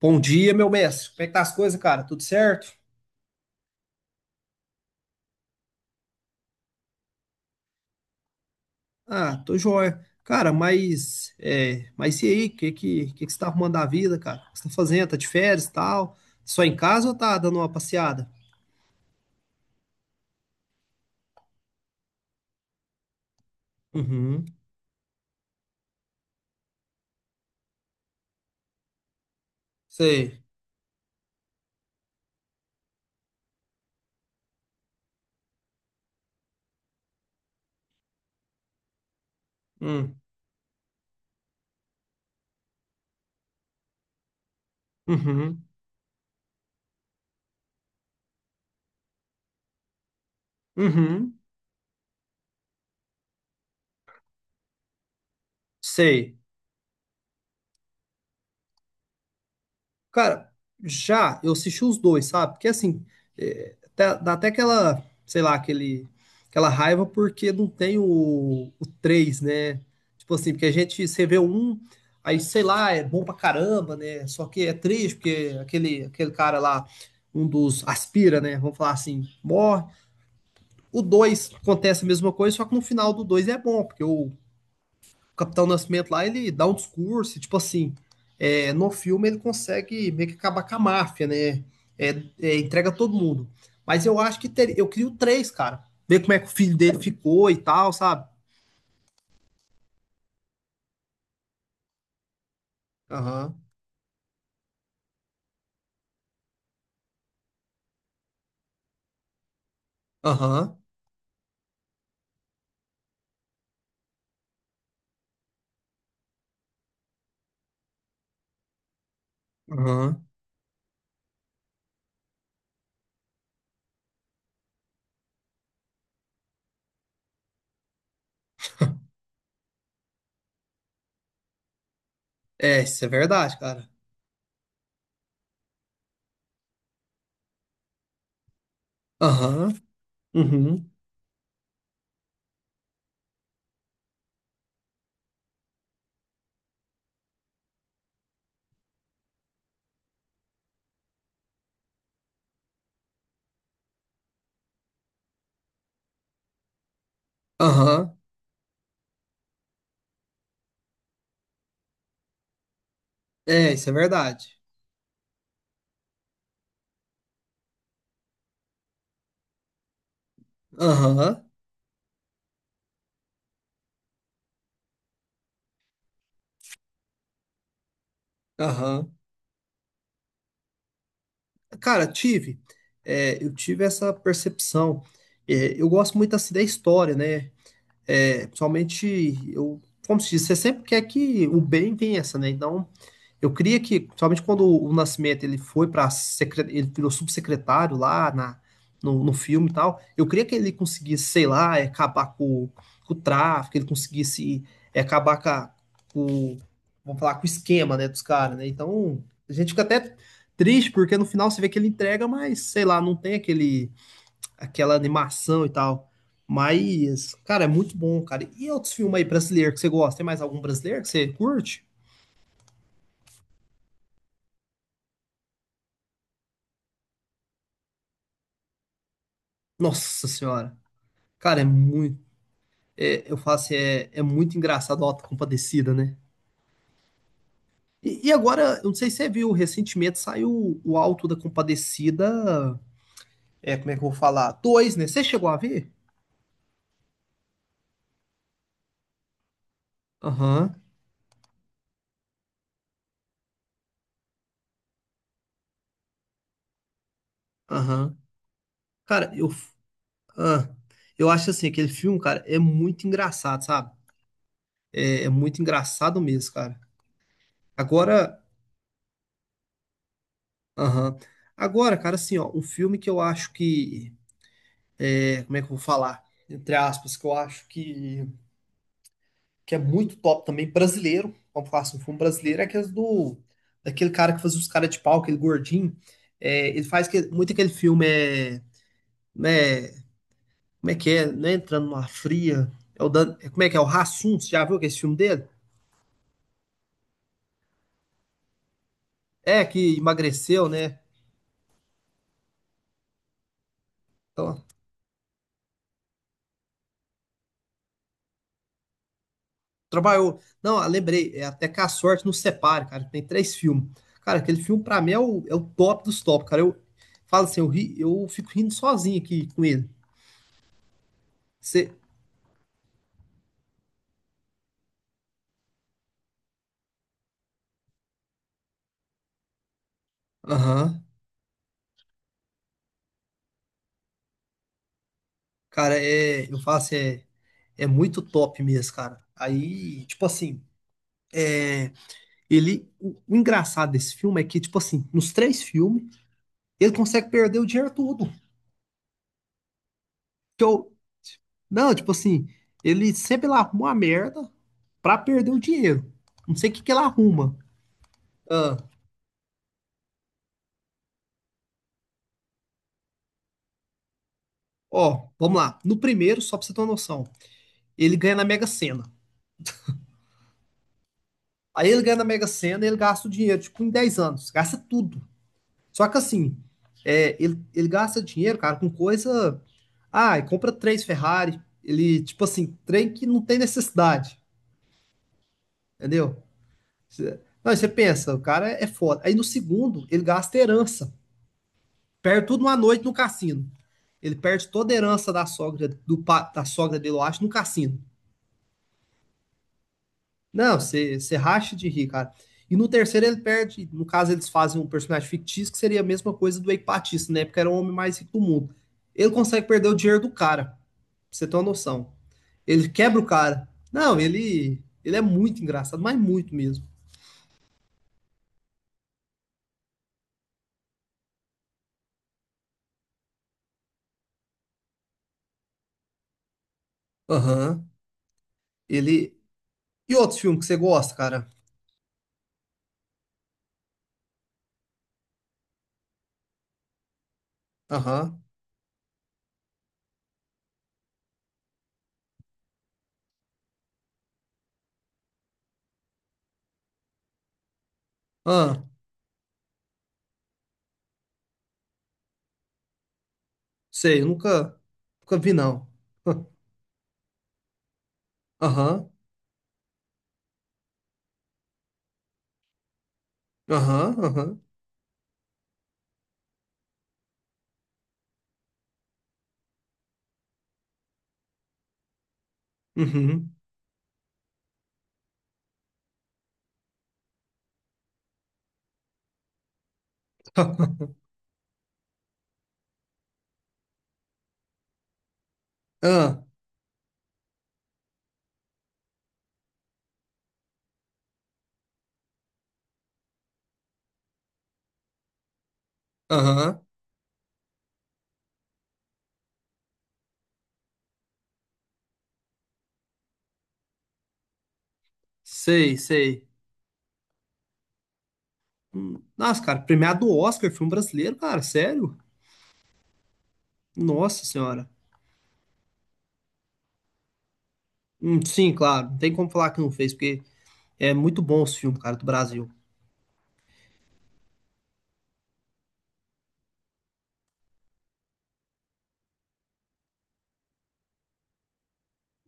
Bom dia, meu mestre. Como é que tá as coisas, cara? Tudo certo? Ah, tô joia. Cara, mas e aí? O que você tá arrumando da vida, cara? O que você tá fazendo? Tá de férias e tal? Só em casa ou tá dando uma passeada? Uhum, sei. Hum, uhum, uhum, sei. Cara, já eu assisti os dois, sabe? Porque assim, dá até aquela, sei lá, aquela raiva porque não tem o 3, né? Tipo assim, porque a gente, você vê o um, aí sei lá, é bom pra caramba, né? Só que é triste porque aquele cara lá, um dos aspira, né? Vamos falar assim, morre. O dois acontece a mesma coisa, só que no final do dois é bom, porque o Capitão Nascimento lá, ele dá um discurso, tipo assim, no filme ele consegue meio que acabar com a máfia, né? É, é, entrega todo mundo. Mas eu acho que eu queria três, cara. Ver como é que o filho dele ficou e tal, sabe? Aham, aham, aham. É, isso é verdade, cara. Aham, uhum, aham. É, isso é verdade. Aham, aham. Cara, eu tive essa percepção. É, eu gosto muito assim da história, né? É, principalmente, eu, como se diz, você sempre quer que o bem vença, né? Então, eu queria que, principalmente quando o Nascimento ele foi para ele virou subsecretário lá na, no, no filme e tal, eu queria que ele conseguisse, sei lá, acabar com o tráfico, ele conseguisse acabar com, vamos falar, com o esquema, né, dos caras, né? Então, a gente fica até triste porque no final você vê que ele entrega, mas sei lá, não tem aquele aquela animação e tal. Mas, cara, é muito bom, cara. E outros filmes aí brasileiros que você gosta? Tem mais algum brasileiro que você curte? Nossa senhora. Cara, é muito. Eu falo assim, é muito engraçado o Auto da Compadecida, né? E agora, eu não sei se você viu, recentemente saiu o Auto da Compadecida. É, como é que eu vou falar? Dois, né? Você chegou a ver? Aham, aham. Cara, eu. ah, eu acho assim, aquele filme, cara, é muito engraçado, sabe? É muito engraçado mesmo, cara. Agora. Aham. Agora, cara, assim, ó, um filme que eu acho que, como é que eu vou falar? Entre aspas, que eu acho que é muito top também, brasileiro. Vamos falar assim, um filme brasileiro é aquele daquele cara que fazia os caras de pau, aquele gordinho. É, ele faz que, muito aquele filme, né, como é que é, né, entrando numa fria. Como é que é, o Rassum, você já viu que é esse filme dele? É, que emagreceu, né? Então, trabalhou. Não, lembrei, é até que a sorte nos separe, cara. Tem três filmes. Cara, aquele filme pra mim é o top dos top, cara. Eu falo assim, eu, ri, eu fico rindo sozinho aqui com ele. Você. Aham. Cara, eu falo assim, é muito top mesmo, cara. Aí, tipo assim, é, ele. O engraçado desse filme é que, tipo assim, nos três filmes, ele consegue perder o dinheiro todo. Que eu, não, tipo assim, ele sempre lá arruma uma merda pra perder o dinheiro. Não sei o que que ele arruma. Ah, ó, vamos lá. No primeiro, só pra você ter uma noção, ele ganha na Mega Sena. Aí ele ganha na Mega Sena e ele gasta o dinheiro, tipo, em 10 anos. Gasta tudo. Só que assim, ele gasta dinheiro, cara, com coisa. Ah, e compra três Ferrari. Ele, tipo assim, trem que não tem necessidade. Entendeu? Não, você pensa, o cara é foda. Aí no segundo, ele gasta herança. Perde tudo uma noite no cassino. Ele perde toda a herança da sogra, da sogra dele, eu acho, no cassino. Não, você racha de rir, cara. E no terceiro ele perde, no caso eles fazem um personagem fictício que seria a mesma coisa do Eike, né? Porque era o homem mais rico do mundo. Ele consegue perder o dinheiro do cara, pra você ter uma noção. Ele quebra o cara. Não, ele é muito engraçado, mas muito mesmo. Aham. Ele. E outros filmes que você gosta, cara? Aham. Ah, sei, eu nunca vi não. Aham. Aham, aham. Uhum. Ah, aham. Sei, sei. Nossa, cara, premiado do Oscar, filme brasileiro, cara, sério? Nossa senhora. Sim, claro, não tem como falar que não fez, porque é muito bom os filmes, cara, do Brasil.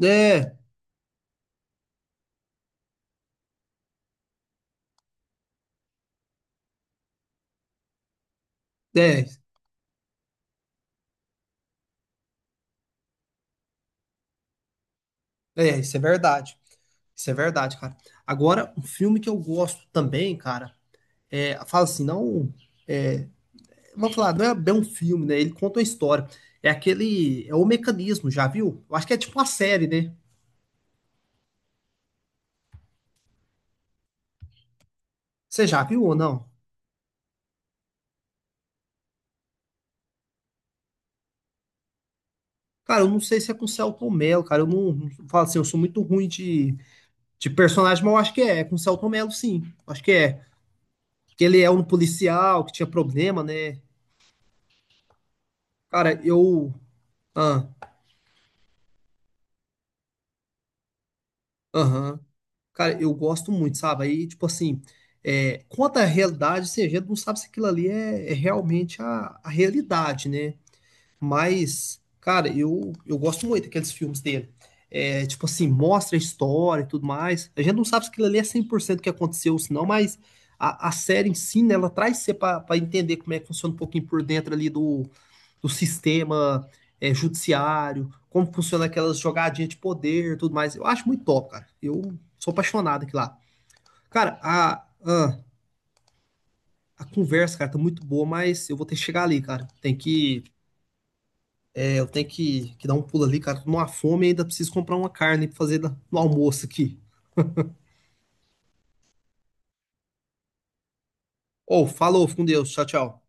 É, é, é, isso é verdade. Isso é verdade, cara. Agora, um filme que eu gosto também, cara, fala assim, não, é, vamos falar, não é bem um filme, né? Ele conta uma história. É aquele, é o Mecanismo, já viu? Eu acho que é tipo uma série, né? Você já viu ou não? Cara, eu não sei se é com o Selton Mello, cara, eu não falo assim, eu sou muito ruim de. De personagem, mas eu acho que é. É com o Celton Mello, sim. Acho que é. Que ele é um policial que tinha problema, né? Cara, eu. Ah, aham. Cara, eu gosto muito, sabe? Aí, tipo assim, quanto à realidade, assim, a gente não sabe se aquilo ali é realmente a realidade, né? Mas, cara, eu gosto muito daqueles filmes dele. É, tipo assim, mostra a história e tudo mais. A gente não sabe se aquilo ali é 100% o que aconteceu, senão, mas a série em si, né, ela traz você para entender como é que funciona um pouquinho por dentro ali do, do sistema judiciário, como funciona aquelas jogadinhas de poder e tudo mais. Eu acho muito top, cara. Eu sou apaixonado aqui lá. Cara, a, a conversa, cara, tá muito boa, mas eu vou ter que chegar ali, cara. Tem que. É, eu tenho que dar um pulo ali, cara. Tô numa fome e ainda preciso comprar uma carne pra fazer no almoço aqui. Ou, falou, fica com Deus. Tchau, tchau.